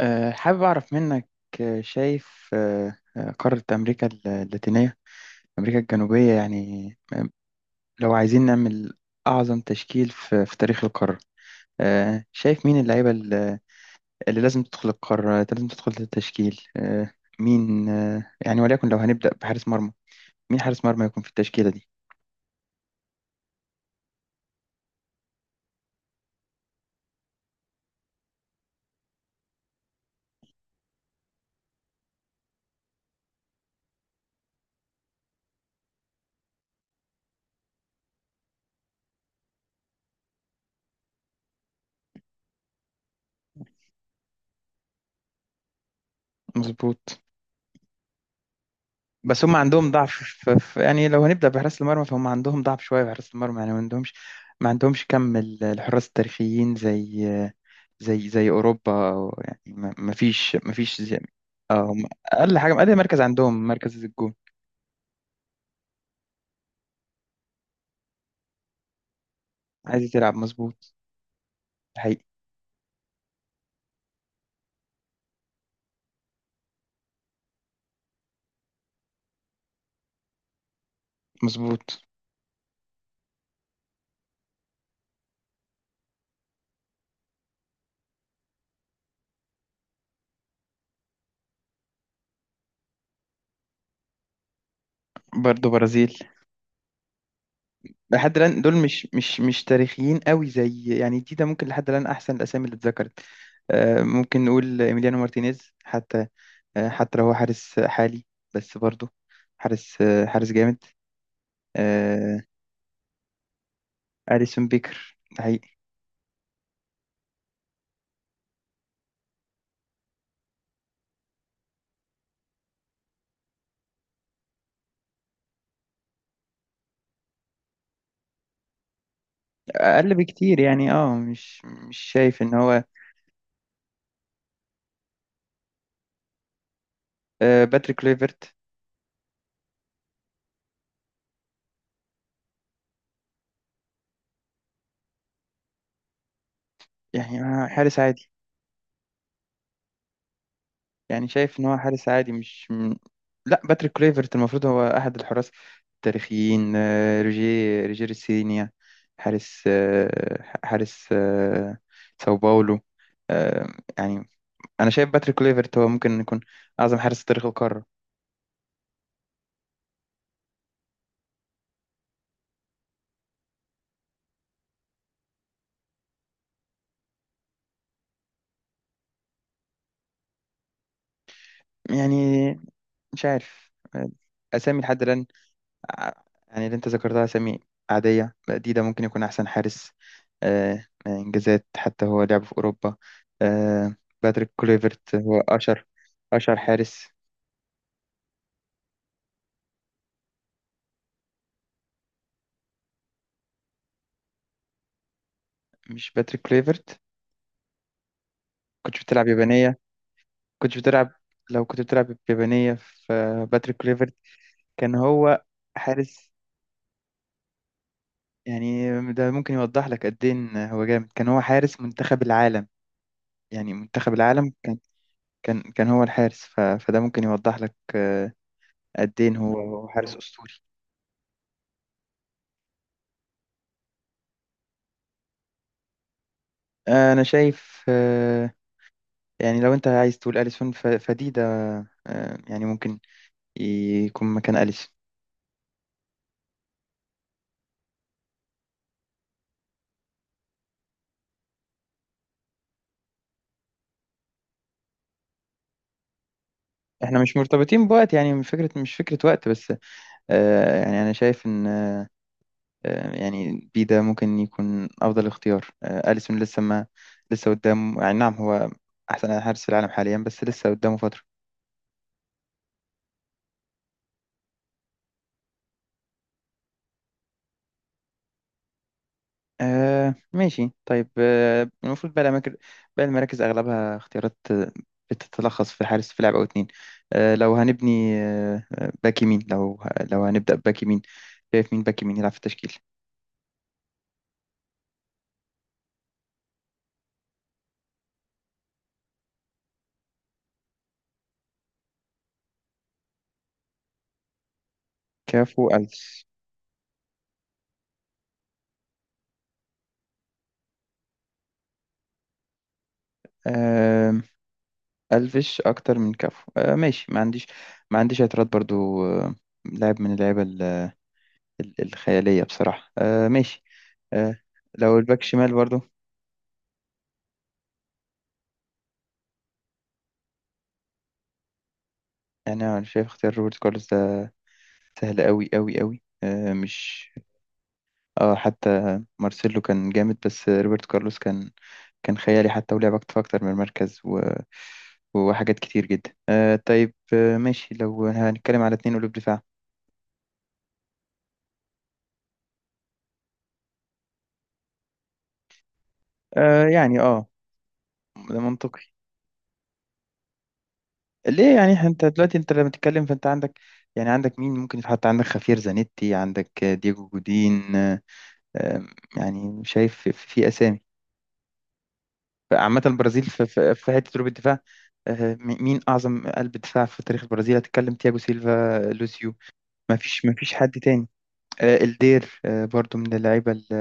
حابب أعرف منك. شايف قارة أمريكا اللاتينية، أمريكا الجنوبية يعني. آه، لو عايزين نعمل أعظم تشكيل في تاريخ القارة، شايف مين اللعيبة اللي لازم تدخل القارة، لازم تدخل التشكيل. مين، يعني وليكن لو هنبدأ بحارس مرمى، مين حارس مرمى يكون في التشكيلة دي؟ مظبوط. بس هم عندهم ضعف يعني لو هنبدأ بحراس المرمى، فهم عندهم ضعف شوية بحراس المرمى، يعني ما عندهمش كم الحراس التاريخيين زي زي أوروبا، أو يعني ما فيش أقل حاجة، أقل مركز عندهم مركز الجون. عايز تلعب، مظبوط. حقيقي. مظبوط. برضه برازيل. لحد الآن دول مش تاريخيين قوي زي، يعني ده ممكن لحد الآن أحسن الأسامي اللي اتذكرت. ممكن نقول إيميليانو مارتينيز حتى، حتى لو هو حارس حالي، بس برضه حارس جامد. آه، أليسون بيكر ده حقيقي. أقل بكتير، يعني مش شايف إن هو باتريك كليفرت. يعني حارس عادي. يعني شايف إن هو حارس عادي، مش لا، باتريك كليفرت المفروض هو أحد الحراس التاريخيين. روجير سينيا، حارس، حارس آه، ساو باولو. آه، يعني أنا شايف باتريك كليفرت هو ممكن يكون أعظم حارس في تاريخ القارة. يعني مش عارف أسامي لحد الآن. ع- يعني اللي أنت ذكرتها أسامي عادية، ديدا ممكن يكون أحسن حارس إنجازات، حتى هو لعب في أوروبا. آه، باتريك كليفرت هو أشهر حارس. مش باتريك كليفرت؟ كنت بتلعب يابانية. كنت بتلعب، لو كنت بتلعب يابانية، في باتريك كليفرت كان هو حارس. يعني ده ممكن يوضح لك قد إيه إن هو جامد، كان هو حارس منتخب العالم، يعني منتخب العالم. كان هو الحارس، فده ممكن يوضح لك قد ايه هو حارس اسطوري. انا شايف يعني لو انت عايز تقول اليسون، ف... فدي ده يعني ممكن يكون مكان اليسون. احنا مش مرتبطين بوقت، يعني مش فكره وقت بس. يعني انا شايف ان يعني ده ممكن يكون افضل اختيار. اليسون لسه ما لسه قدام يعني. نعم، هو احسن حارس في العالم حاليا، بس لسه قدامه فتره. ماشي، طيب. المفروض بقى الأماكن بقى المراكز أغلبها اختيارات، بتتلخص في لاعب أو اتنين. لو هنبني، باك يمين، لو لو هنبدأ بباك يمين، شايف مين باك يمين يلعب في التشكيل؟ كافو، ألفش. آه ألفش أكتر من كافو. ماشي، ما عنديش اعتراض برضو. لاعب من اللعيبة الخيالية بصراحة. ماشي. آه لو الباك شمال برضو، يعني أنا شايف اختيار روبرت كارلوس ده سهل أوي أوي أوي. آه، مش اه حتى مارسيلو كان جامد، بس روبرت كارلوس كان خيالي، حتى ولعب أكتر أكتر من المركز و... وحاجات كتير جدا. طيب، ماشي، لو هنتكلم على اتنين قلوب دفاع. يعني ده منطقي. ليه يعني، انت دلوقتي، لما تتكلم فانت عندك، يعني عندك مين ممكن يتحط، عندك خافير زانيتي، عندك دييجو جودين. آه آم، يعني شايف في اسامي عامة البرازيل في حتة قلوب الدفاع. مين أعظم قلب دفاع في تاريخ البرازيل؟ هتتكلم تياجو سيلفا، لوسيو، ما فيش حد تاني. الدير برضو من اللعيبة ال-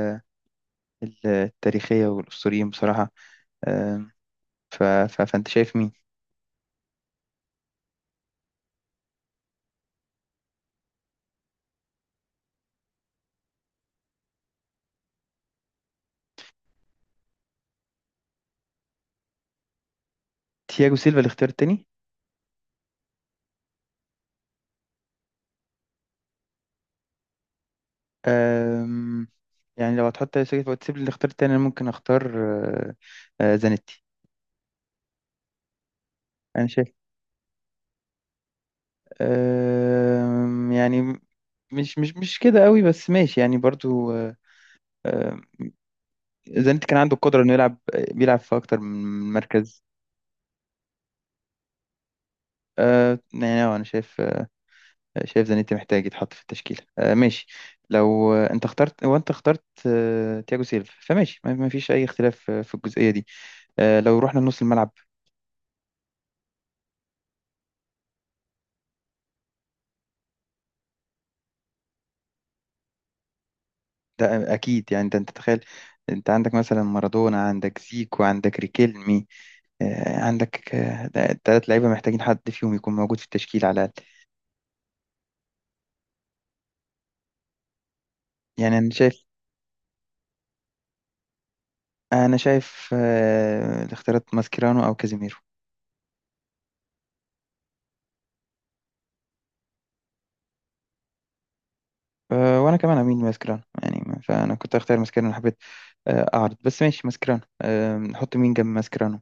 ال- التاريخية والأسطوريين بصراحة. آم، فأنت شايف مين؟ تياجو سيلفا الاختيار التاني. آم، يعني لو هتحط تياجو سيلفا وتسيب لي الاختيار التاني، أنا ممكن أختار زانيتي. أنا شايف يعني مش كده قوي، بس ماشي يعني برضو. آه، زينتي كان عنده القدرة إنه بيلعب في أكتر من مركز. يعني أنا شايف زانيتي محتاج يتحط في التشكيلة. ماشي، لو أنت اخترت تياجو سيلفا فماشي، ما فيش أي اختلاف في الجزئية دي. لو رحنا لنص الملعب، ده أكيد. يعني ده، أنت تخيل، أنت عندك مثلا مارادونا، عندك زيكو، عندك ريكيلمي. عندك، 3 لعيبة محتاجين حد فيهم يكون موجود في التشكيل على الأقل. يعني أنا شايف، أنا شايف الاختيارات ماسكيرانو أو كازيميرو. وانا كمان اميل ماسكران يعني، فانا كنت اختار ماسكرانو، حبيت اعرض. بس ماشي ماسكرانو، نحط مين جنب ماسكرانو؟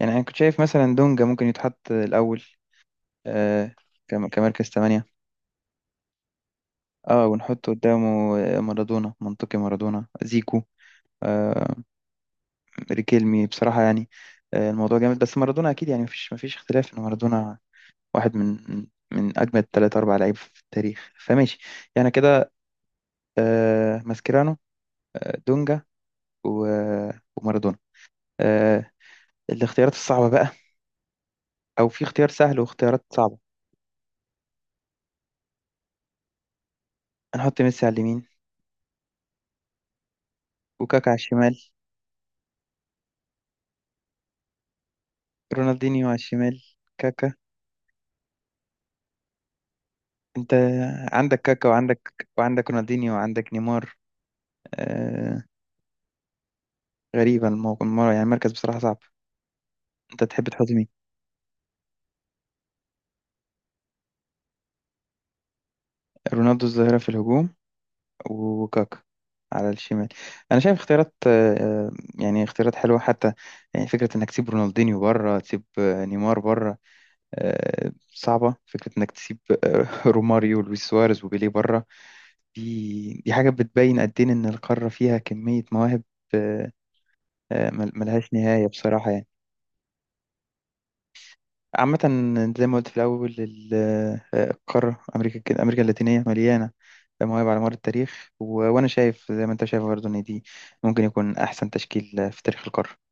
يعني انا كنت شايف مثلا دونجا ممكن يتحط الاول. أه كمركز 8. اه ونحط قدامه مارادونا، منطقي مارادونا، زيكو، أه ريكيلمي بصراحة. يعني الموضوع جامد، بس مارادونا اكيد، يعني مفيش اختلاف ان مارادونا واحد من اجمد ثلاث اربع لعيب في التاريخ، فماشي. يعني كده، ماسكرانو، دونجا، و- ومارادونا. آه، الاختيارات الصعبة بقى، أو في اختيار سهل واختيارات صعبة. هنحط ميسي على اليمين، وكاكا على الشمال. رونالدينيو على الشمال؟ كاكا. أنت عندك كاكا، وعندك رونالدينيو، وعندك نيمار. آه... غريبة الموقف المرة، يعني المركز بصراحة صعب، أنت تحب تحط مين؟ رونالدو الظاهرة في الهجوم، وكاكا على الشمال. أنا شايف اختيارات، يعني اختيارات حلوة حتى. يعني فكرة إنك تسيب رونالدينيو بره، تسيب نيمار بره، صعبة. فكرة إنك تسيب روماريو ولويس سواريز وبيليه بره، دي حاجة بتبين قد إيه إن القارة فيها كمية مواهب آه، ملهاش نهاية بصراحة يعني. عامة، زي ما قلت في الأول، القارة أمريكا اللاتينية مليانة مواهب على مر التاريخ، و- وأنا شايف زي ما أنت شايف برضه إن دي ممكن يكون أحسن تشكيل في تاريخ القارة.